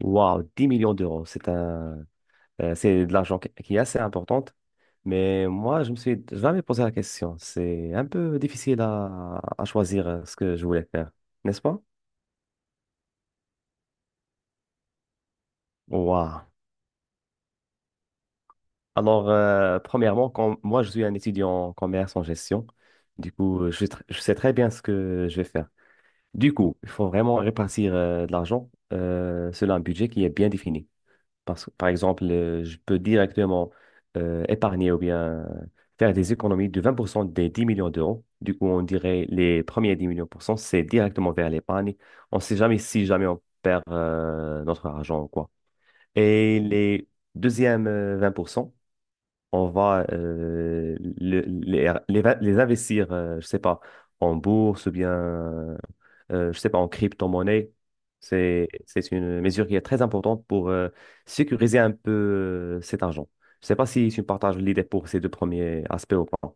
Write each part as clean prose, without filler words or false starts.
Waouh, 10 millions d'euros, c'est un, c'est de l'argent qui est assez importante. Mais moi, je me suis jamais posé la question. C'est un peu difficile à choisir ce que je voulais faire, n'est-ce pas? Waouh. Alors, premièrement, quand, moi, je suis un étudiant en commerce en gestion. Du coup, je, je sais très bien ce que je vais faire. Du coup, il faut vraiment répartir de l'argent selon un budget qui est bien défini. Parce, par exemple, je peux directement épargner ou bien faire des économies de 20% des 10 millions d'euros. Du coup, on dirait les premiers 10 millions pour cent, c'est directement vers l'épargne. On ne sait jamais si jamais on perd notre argent ou quoi. Et les deuxièmes 20%, on va les investir, je sais pas, en bourse ou bien, je sais pas, en crypto-monnaie. C'est une mesure qui est très importante pour sécuriser un peu cet argent. Je sais pas si tu partages l'idée pour ces deux premiers aspects ou pas.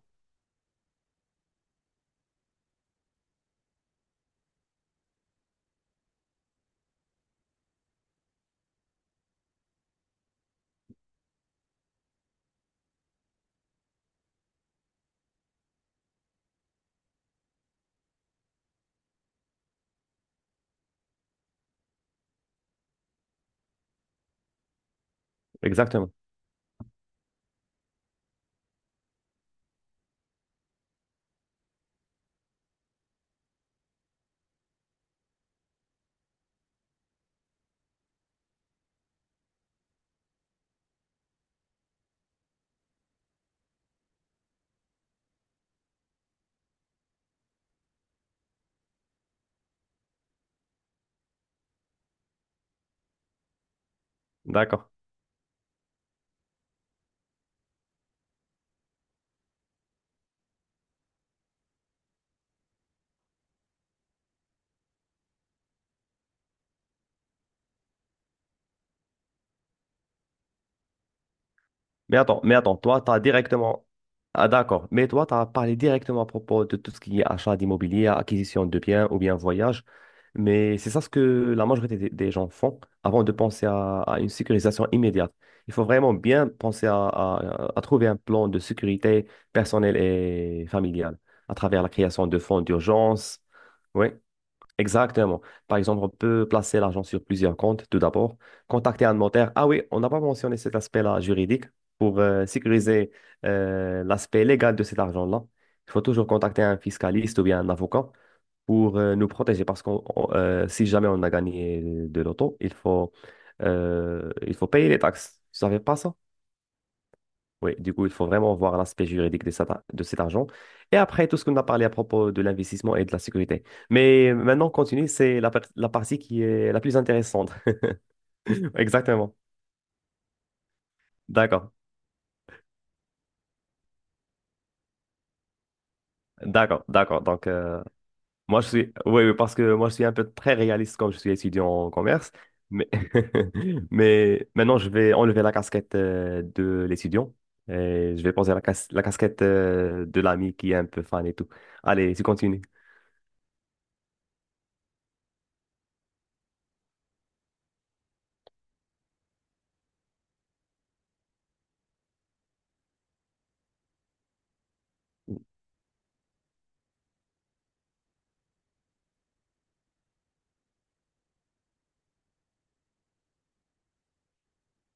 Exactement. D'accord. Mais attends, toi, tu as directement. Ah, d'accord. Mais toi, tu as parlé directement à propos de tout ce qui est achat d'immobilier, acquisition de biens ou bien voyage. Mais c'est ça ce que la majorité des gens font avant de penser à une sécurisation immédiate. Il faut vraiment bien penser à trouver un plan de sécurité personnelle et familiale à travers la création de fonds d'urgence. Oui. Exactement. Par exemple, on peut placer l'argent sur plusieurs comptes, tout d'abord. Contacter un notaire. Ah oui, on n'a pas mentionné cet aspect-là juridique pour sécuriser l'aspect légal de cet argent-là. Il faut toujours contacter un fiscaliste ou bien un avocat pour nous protéger parce que si jamais on a gagné de l'auto, il faut payer les taxes. Tu savais pas ça? Oui, du coup, il faut vraiment voir l'aspect juridique de cet argent. Et après, tout ce qu'on a parlé à propos de l'investissement et de la sécurité. Mais maintenant, on continue, c'est la partie qui est la plus intéressante. Exactement. D'accord. D'accord, d'accord. Donc, moi, je suis... Oui, oui, parce que moi, je suis un peu très réaliste comme je suis étudiant en commerce. Mais, mais maintenant, je vais enlever la casquette de l'étudiant et je vais poser la casquette de l'ami qui est un peu fan et tout. Allez, tu continues.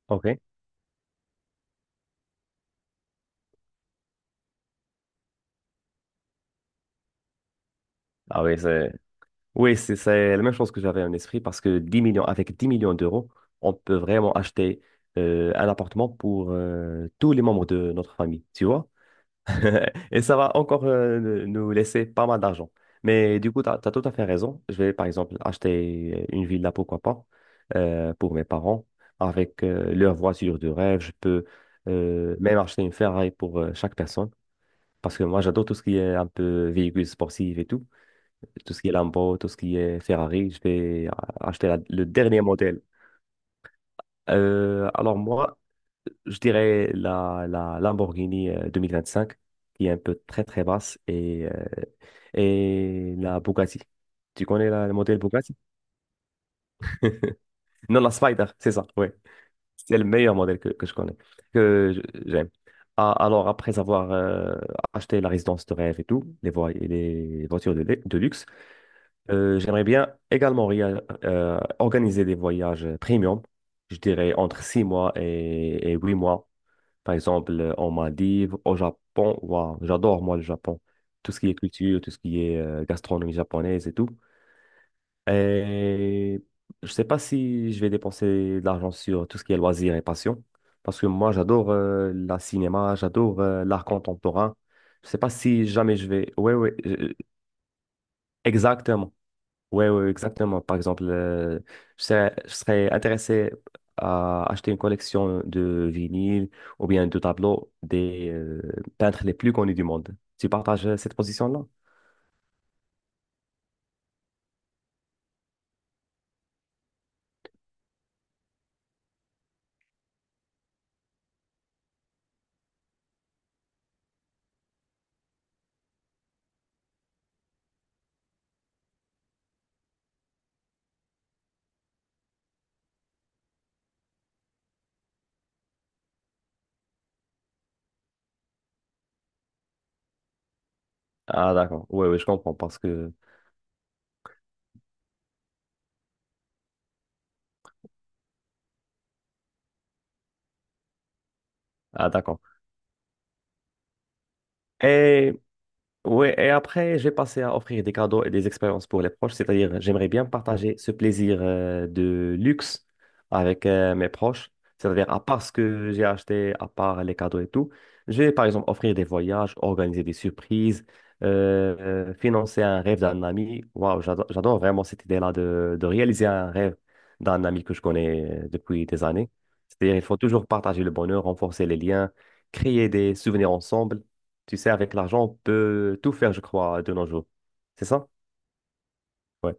OK. Ah oui, c'est... Oui, c'est la même chose que j'avais en esprit parce que 10 millions, avec 10 millions d'euros, on peut vraiment acheter un appartement pour tous les membres de notre famille, tu vois? Et ça va encore nous laisser pas mal d'argent. Mais du coup, tu as, tout à fait raison. Je vais par exemple acheter une villa, pourquoi pas, pour mes parents, avec leur voiture de rêve. Je peux même acheter une Ferrari pour chaque personne parce que moi, j'adore tout ce qui est un peu véhicule sportif et tout tout ce qui est Lambo, tout ce qui est Ferrari, je vais acheter le dernier modèle. Alors moi, je dirais la Lamborghini cinq qui est un peu très très basse, et la Bugatti. Tu connais le modèle Bugatti? Non, la Spider, c'est ça, oui. C'est le meilleur modèle que je connais, que je- j'aime. Ah, alors, après avoir acheté la résidence de rêve et tout, les voitures de luxe. J'aimerais bien également organiser des voyages premium, je dirais entre 6 mois et 8 mois. Par exemple, en Maldives, au Japon. Waouh, j'adore moi le Japon. Tout ce qui est culture, tout ce qui est gastronomie japonaise et tout. Et je sais pas si je vais dépenser de l'argent sur tout ce qui est loisirs et passion, parce que moi j'adore la cinéma, j'adore l'art contemporain. Je sais pas si jamais je vais. Ouais, ouais, exactement. Oui, oui, exactement. Par exemple, je serais intéressé à acheter une collection de vinyles ou bien de tableaux des peintres les plus connus du monde. Tu partages cette position-là? Ah, d'accord. Oui, oui, je comprends parce que... Ah, d'accord. Et oui, et après, j'ai passé à offrir des cadeaux et des expériences pour les proches, c'est-à-dire j'aimerais bien partager ce plaisir de luxe avec mes proches, c'est-à-dire à part ce que j'ai acheté, à part les cadeaux et tout, je vais par exemple offrir des voyages, organiser des surprises, euh, financer un rêve d'un ami. Waouh, j'adore vraiment cette idée-là de réaliser un rêve d'un ami que je connais depuis des années. C'est-à-dire il faut toujours partager le bonheur, renforcer les liens, créer des souvenirs ensemble. Tu sais, avec l'argent, on peut tout faire, je crois, de nos jours. C'est ça? Ouais.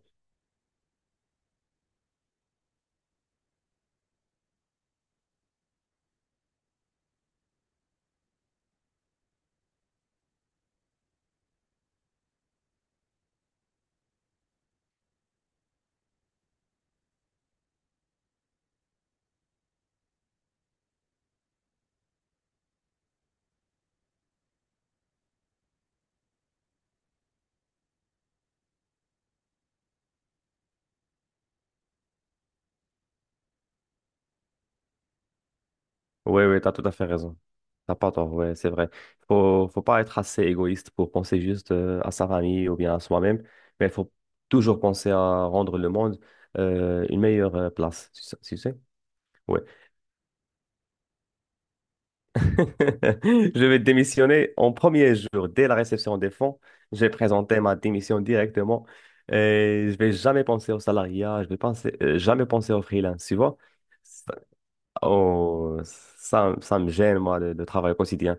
Ouais, ouais, t'as tout à fait raison. T'as pas tort, ouais, c'est vrai. Faut pas être assez égoïste pour penser juste à sa famille ou bien à soi-même, mais il faut toujours penser à rendre le monde une meilleure place, tu sais. Tu sais. Ouais. Je vais démissionner en premier jour, dès la réception des fonds. Je vais présenter ma démission directement. Et je vais jamais penser au salariat, jamais penser au freelance, tu vois. Oh, ça me gêne, moi, le travail quotidien.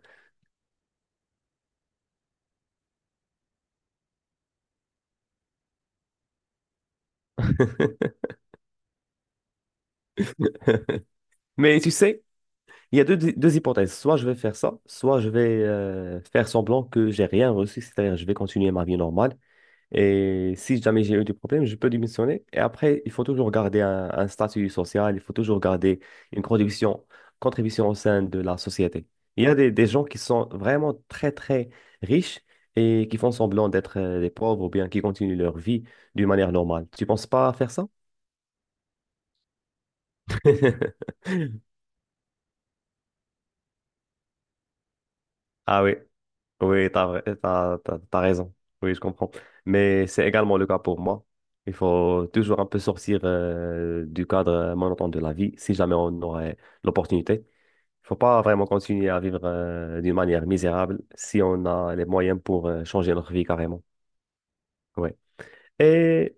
Mais tu sais, il y a deux hypothèses. Soit je vais faire ça, soit je vais faire semblant que j'ai rien reçu, c'est-à-dire je vais continuer ma vie normale. Et si jamais j'ai eu des problèmes, je peux démissionner. Et après, il faut toujours garder un statut social, il faut toujours garder une contribution au sein de la société. Il y a des gens qui sont vraiment très, très riches et qui font semblant d'être des pauvres ou bien qui continuent leur vie d'une manière normale. Tu penses pas faire ça? Ah oui, oui, t'as, vrai- t'as, t'as- t'as raison. Oui, je comprends. Mais c'est également le cas pour moi. Il faut toujours un peu sortir du cadre monotone de la vie, si jamais on aurait l'opportunité. Il faut pas vraiment continuer à vivre d'une manière misérable si on a les moyens pour changer notre vie carrément. Ouais. Et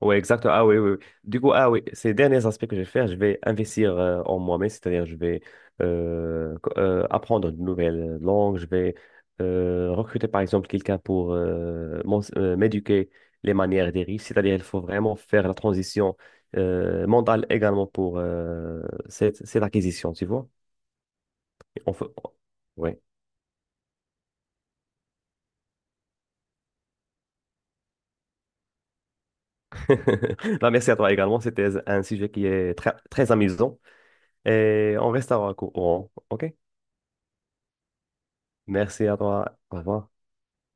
oui, exactement. Ah oui, oui. Oui. Du coup, ah oui, ces derniers aspects que je vais faire, je vais investir en moi-même, c'est-à-dire je vais apprendre une nouvelle langue, je vais recruter par exemple quelqu'un pour m'éduquer les manières des riches, c'est-à-dire il faut vraiment faire la transition mentale également pour cette acquisition, tu vois. On fait- Oui. Bah, merci à toi également, c'était un sujet qui est très, très amusant et on restera au courant, OK? Merci à toi. Au revoir.